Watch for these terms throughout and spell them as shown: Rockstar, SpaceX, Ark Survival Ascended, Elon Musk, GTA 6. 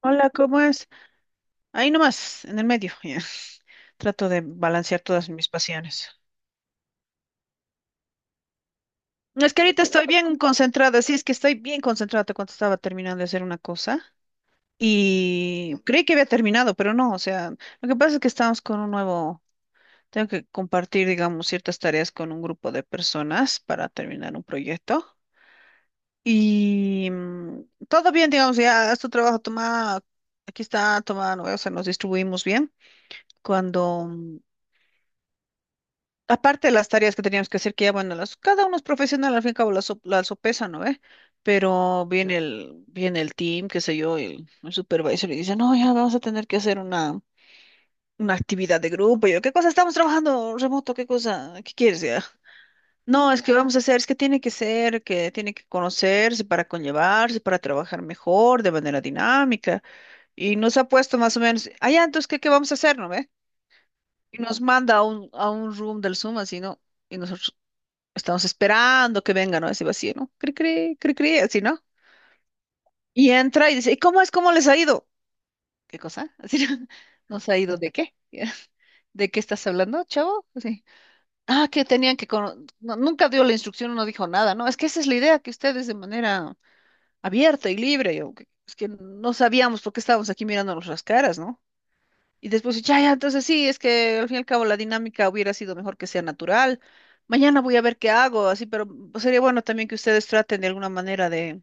Hola, ¿cómo es? Ahí nomás, en el medio. Ya. Trato de balancear todas mis pasiones. Es que ahorita estoy bien concentrada, sí, es que estoy bien concentrada. Te cuento, estaba terminando de hacer una cosa y creí que había terminado, pero no, o sea, lo que pasa es que estamos con un nuevo, tengo que compartir, digamos, ciertas tareas con un grupo de personas para terminar un proyecto. Y todo bien, digamos, ya, haz tu trabajo, toma, aquí está, toma, ¿no? O sea, nos distribuimos bien. Cuando aparte de las tareas que teníamos que hacer, que ya, bueno, las, cada uno es profesional, al fin y al cabo la sopesa, ¿no ve? Pero viene el team, qué sé yo, el supervisor y dice, no, ya vamos a tener que hacer una, actividad de grupo. Y yo, ¿qué cosa? Estamos trabajando remoto, ¿qué cosa? ¿Qué quieres ya? No, es que vamos a hacer, es que tiene que ser, que tiene que conocerse para conllevarse, para trabajar mejor, de manera dinámica. Y nos ha puesto más o menos, allá, entonces, ¿qué vamos a hacer, no ve? Y nos manda a un room del Zoom, así, ¿no? Y nosotros, estamos esperando que venga, ¿no? Ese vacío, ¿no? Cri, cri, cri, cri, así, ¿no? Y entra y dice, ¿y cómo es? ¿Cómo les ha ido? ¿Qué cosa? Así, ¿no? ¿Nos ha ido de qué? ¿De qué estás hablando, chavo? Así. Ah, que tenían que... no, nunca dio la instrucción, no dijo nada, ¿no? Es que esa es la idea, que ustedes de manera abierta y libre, yo, es que no sabíamos por qué estábamos aquí mirándonos las caras, ¿no? Y después, ya, ya, entonces sí, es que al fin y al cabo la dinámica hubiera sido mejor que sea natural. Mañana voy a ver qué hago, así, pero pues, sería bueno también que ustedes traten de alguna manera de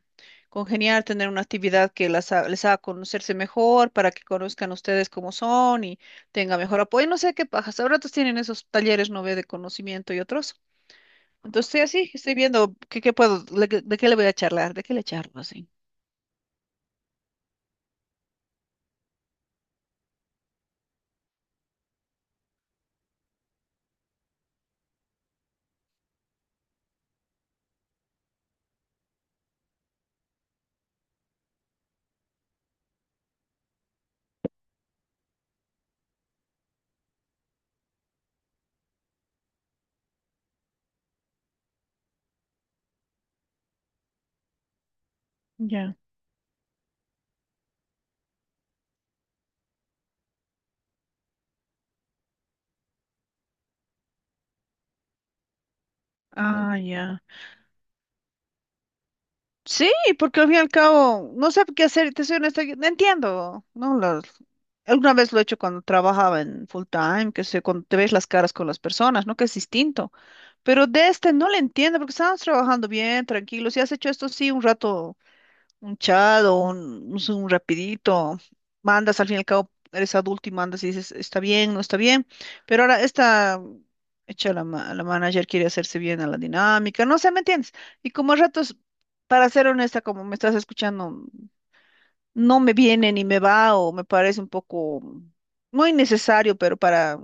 congeniar, tener una actividad que las, les haga conocerse mejor, para que conozcan ustedes cómo son y tenga mejor apoyo. No sé qué pajas, ahora tienen esos talleres, no ve, de conocimiento y otros. Entonces, estoy así, estoy viendo qué puedo, de qué le voy a charlar, de qué le charlo así. Ya. Mm. Ah, ya. Sí, porque al fin y al cabo no sé qué hacer, te soy honesta, yo no entiendo, ¿no? Alguna vez lo he hecho cuando trabajaba en full time, que sé, cuando te ves las caras con las personas, ¿no? Que es distinto. Pero de este no le entiendo porque estábamos trabajando bien, tranquilos, y has hecho esto sí un rato un chat o un, no sé, un rapidito, mandas, al fin y al cabo eres adulto y mandas y dices, está bien, no está bien, pero ahora esta, hecha la la manager quiere hacerse bien a la dinámica, no sé, ¿me entiendes? Y como a ratos, para ser honesta, como me estás escuchando, no me viene ni me va o me parece un poco, no innecesario, pero para.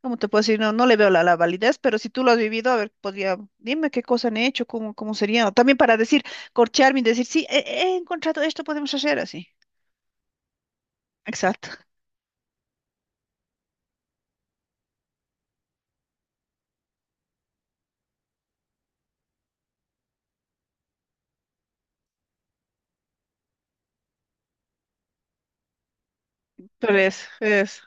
¿Cómo te puedo decir? No, no le veo la validez, pero si tú lo has vivido, a ver, podría, dime qué cosa han hecho, cómo sería. O también para decir, corcharme y decir, sí, he encontrado esto, podemos hacer así. Exacto. Pero es.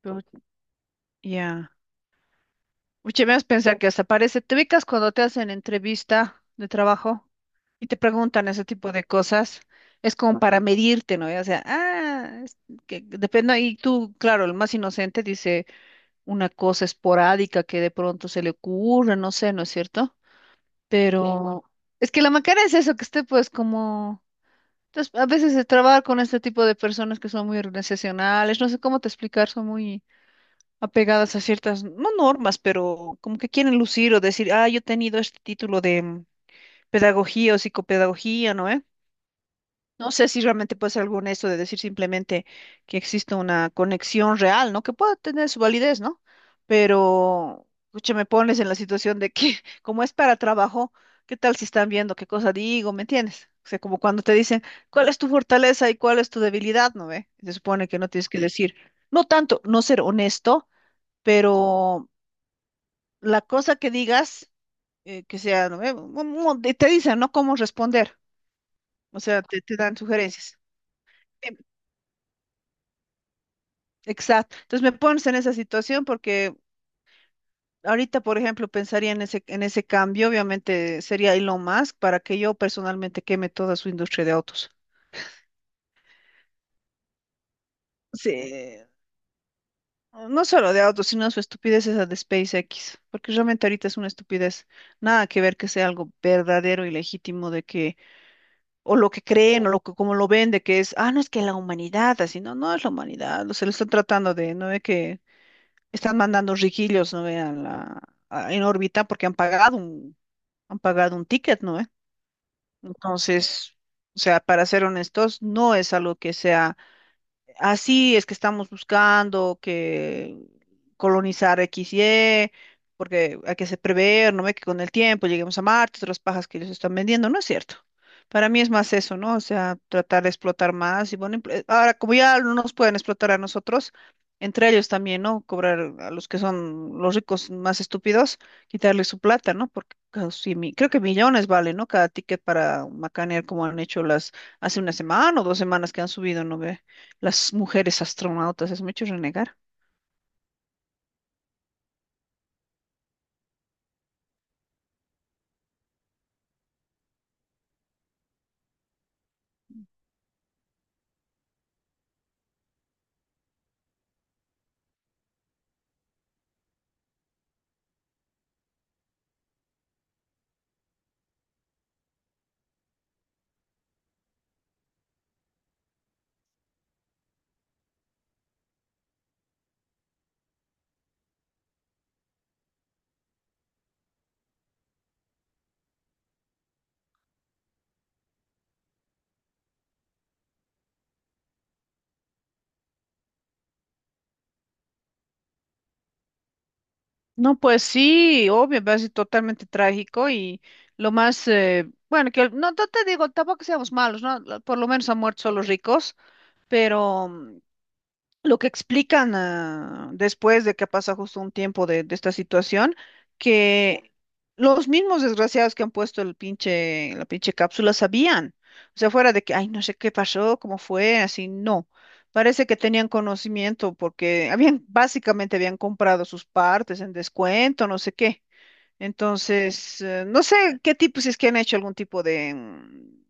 Pero, ya. Oye, me pensar que hasta parece, te ubicas cuando te hacen entrevista de trabajo y te preguntan ese tipo de cosas, es como para medirte, ¿no? O sea, ah, es que depende, y tú, claro, el más inocente dice una cosa esporádica que de pronto se le ocurre, no sé, ¿no es cierto? Pero es que la macana es eso, que esté pues como... Entonces, a veces de trabajar con este tipo de personas que son muy organizacionales, no sé cómo te explicar, son muy apegadas a ciertas, no normas, pero como que quieren lucir o decir, ah, yo he tenido este título de pedagogía o psicopedagogía, ¿no? No sé si realmente puede ser alguna eso de decir simplemente que existe una conexión real, ¿no? Que pueda tener su validez, ¿no? Pero, escucha, me pones en la situación de que, como es para trabajo, ¿qué tal si están viendo qué cosa digo? ¿Me entiendes? O sea, como cuando te dicen, ¿cuál es tu fortaleza y cuál es tu debilidad? ¿No ve? Se supone que no tienes que decir, no tanto, no ser honesto, pero la cosa que digas, que sea, ¿no ve? Te dicen, ¿no? Cómo responder. O sea, te dan sugerencias. Exacto. Entonces me pones en esa situación porque ahorita, por ejemplo, pensaría en ese, cambio, obviamente sería Elon Musk para que yo personalmente queme toda su industria de autos. Sí, no solo de autos, sino su estupidez esa de SpaceX, porque realmente ahorita es una estupidez. Nada que ver que sea algo verdadero y legítimo de que, o lo que creen, o lo que, como lo vende, que es, ah, no es que la humanidad, así, no, no es la humanidad, se lo están tratando de, no ve que están mandando riquillos, no vean la en órbita porque han pagado un ticket, ¿no? ¿Eh? Entonces, o sea, para ser honestos, no es algo que sea así es que estamos buscando que colonizar X Y, porque hay que se prever, ¿no ve? Que con el tiempo lleguemos a Marte, otras pajas que ellos están vendiendo, no es cierto. Para mí es más eso, ¿no? O sea, tratar de explotar más y bueno, ahora como ya no nos pueden explotar a nosotros, entre ellos también, ¿no? Cobrar a los que son los ricos más estúpidos, quitarles su plata, ¿no? Porque creo que millones vale, ¿no? Cada ticket para macanear como han hecho las, hace una semana o 2 semanas que han subido, ¿no ve?, las mujeres astronautas, es mucho renegar. No, pues sí, obvio, va a ser totalmente trágico y lo más, bueno, que no, no te digo, tampoco que seamos malos, ¿no? Por lo menos han muerto solo los ricos, pero lo que explican ah, después de que pasa justo un tiempo de esta situación, que los mismos desgraciados que han puesto el pinche, la pinche cápsula sabían. O sea, fuera de que, ay, no sé qué pasó, cómo fue, así, no. Parece que tenían conocimiento porque habían, básicamente habían comprado sus partes en descuento, no sé qué. Entonces, no sé qué tipo, si es que han hecho algún tipo de,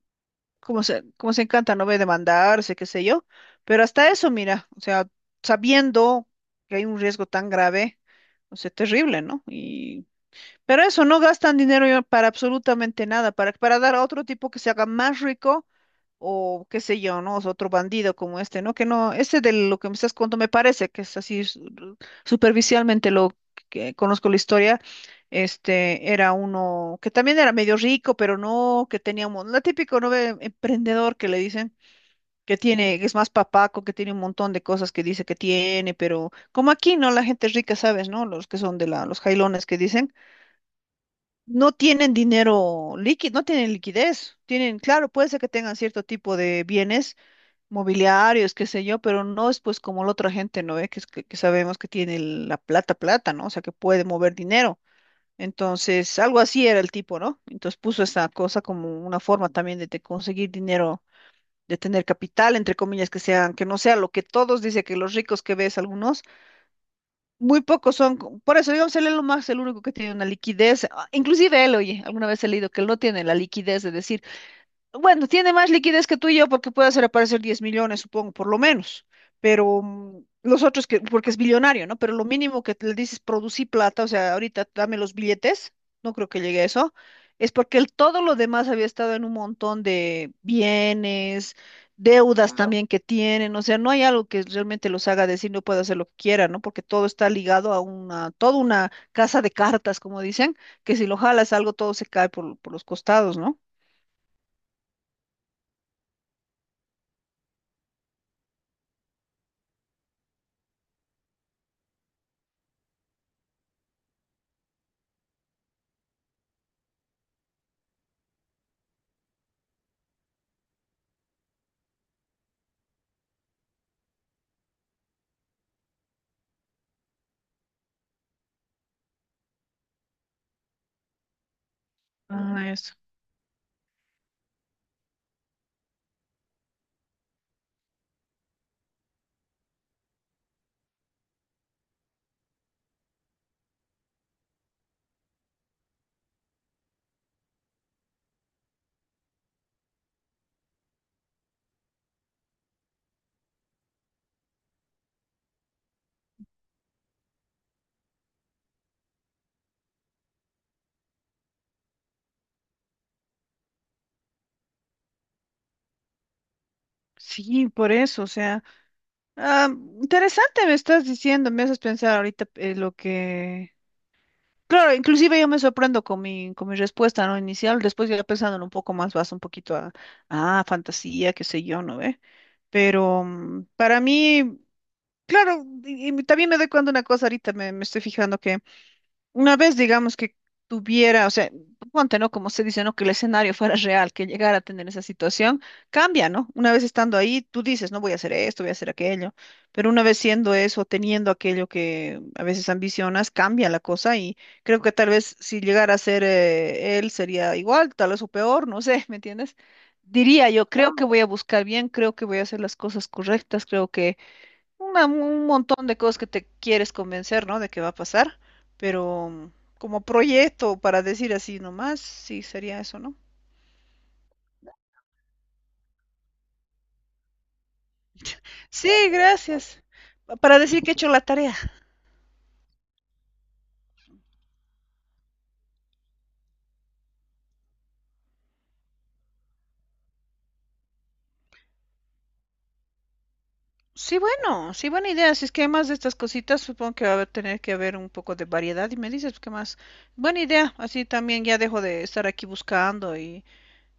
como se encanta, no ve demandarse, qué sé yo, pero hasta eso, mira, o sea, sabiendo que hay un riesgo tan grave, o sea, terrible, ¿no? Y, pero eso, no gastan dinero ya para absolutamente nada, para dar a otro tipo que se haga más rico o qué sé yo, ¿no? O sea, otro bandido como este, ¿no? Que no, este de lo que me estás contando me parece que es así superficialmente lo que conozco la historia, este era uno que también era medio rico, pero no, que tenía un la típico, ¿no ve?, emprendedor que le dicen que tiene, que es más papaco, que tiene un montón de cosas que dice que tiene, pero como aquí, ¿no? La gente rica, ¿sabes, no? Los que son de la, los jailones que dicen no tienen dinero líquido, no tienen liquidez. Tienen, claro, puede ser que tengan cierto tipo de bienes mobiliarios, qué sé yo, pero no es pues como la otra gente, ¿no ve? Es que sabemos que tiene la plata, plata, ¿no? O sea, que puede mover dinero. Entonces, algo así era el tipo, ¿no? Entonces puso esa cosa como una forma también de conseguir dinero, de tener capital, entre comillas, que sean, que no sea lo que todos dicen que los ricos que ves algunos, muy pocos son, por eso digamos, él es lo más, el único que tiene una liquidez, ah, inclusive él, oye, alguna vez he leído que él no tiene la liquidez de decir bueno, tiene más liquidez que tú y yo porque puede hacer aparecer 10 millones, supongo, por lo menos. Pero los otros que, porque es billonario, ¿no? Pero lo mínimo que le dices producí plata, o sea, ahorita dame los billetes, no creo que llegue a eso, es porque él todo lo demás había estado en un montón de bienes, deudas también que tienen, o sea, no hay algo que realmente los haga decir no puede hacer lo que quiera, ¿no? Porque todo está ligado a una, toda una casa de cartas, como dicen, que si lo jalas algo, todo se cae por los costados, ¿no? Ah, eso. Sí, por eso, o sea, ah, interesante me estás diciendo, me haces pensar ahorita lo que... Claro, inclusive yo me sorprendo con mi, respuesta, ¿no? Inicial, después ya pensándolo un poco más, vas un poquito a, ah, fantasía, qué sé yo, ¿no ve? Pero para mí, claro, y también me doy cuenta de una cosa ahorita, me estoy fijando que una vez, digamos, que tuviera, o sea, ponte, ¿no? Como se dice, ¿no? Que el escenario fuera real, que llegara a tener esa situación, cambia, ¿no? Una vez estando ahí, tú dices, no voy a hacer esto, voy a hacer aquello, pero una vez siendo eso, teniendo aquello que a veces ambicionas, cambia la cosa y creo que tal vez si llegara a ser él sería igual, tal vez o peor, no sé, ¿me entiendes? Diría yo, creo que voy a buscar bien, creo que voy a hacer las cosas correctas, creo que un montón de cosas que te quieres convencer, ¿no? De que va a pasar, pero como proyecto, para decir así nomás, sí, sería eso, ¿no? Sí, gracias. Para decir que he hecho la tarea. Sí, bueno, sí, buena idea. Si es que hay más de estas cositas, supongo que va a tener que haber un poco de variedad y me dices qué más. Buena idea, así también ya dejo de estar aquí buscando y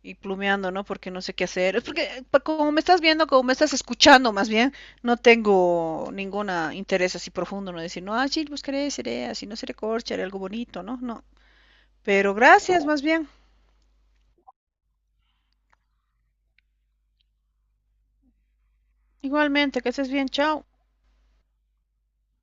y plumeando, ¿no? Porque no sé qué hacer. Es porque como me estás viendo, como me estás escuchando más bien, no tengo ningún interés así profundo, ¿no? Decir, no, ah, sí, buscaré, seré así, no seré corcha, haré algo bonito, ¿no? No. Pero gracias más bien. Igualmente, que estés bien, chao.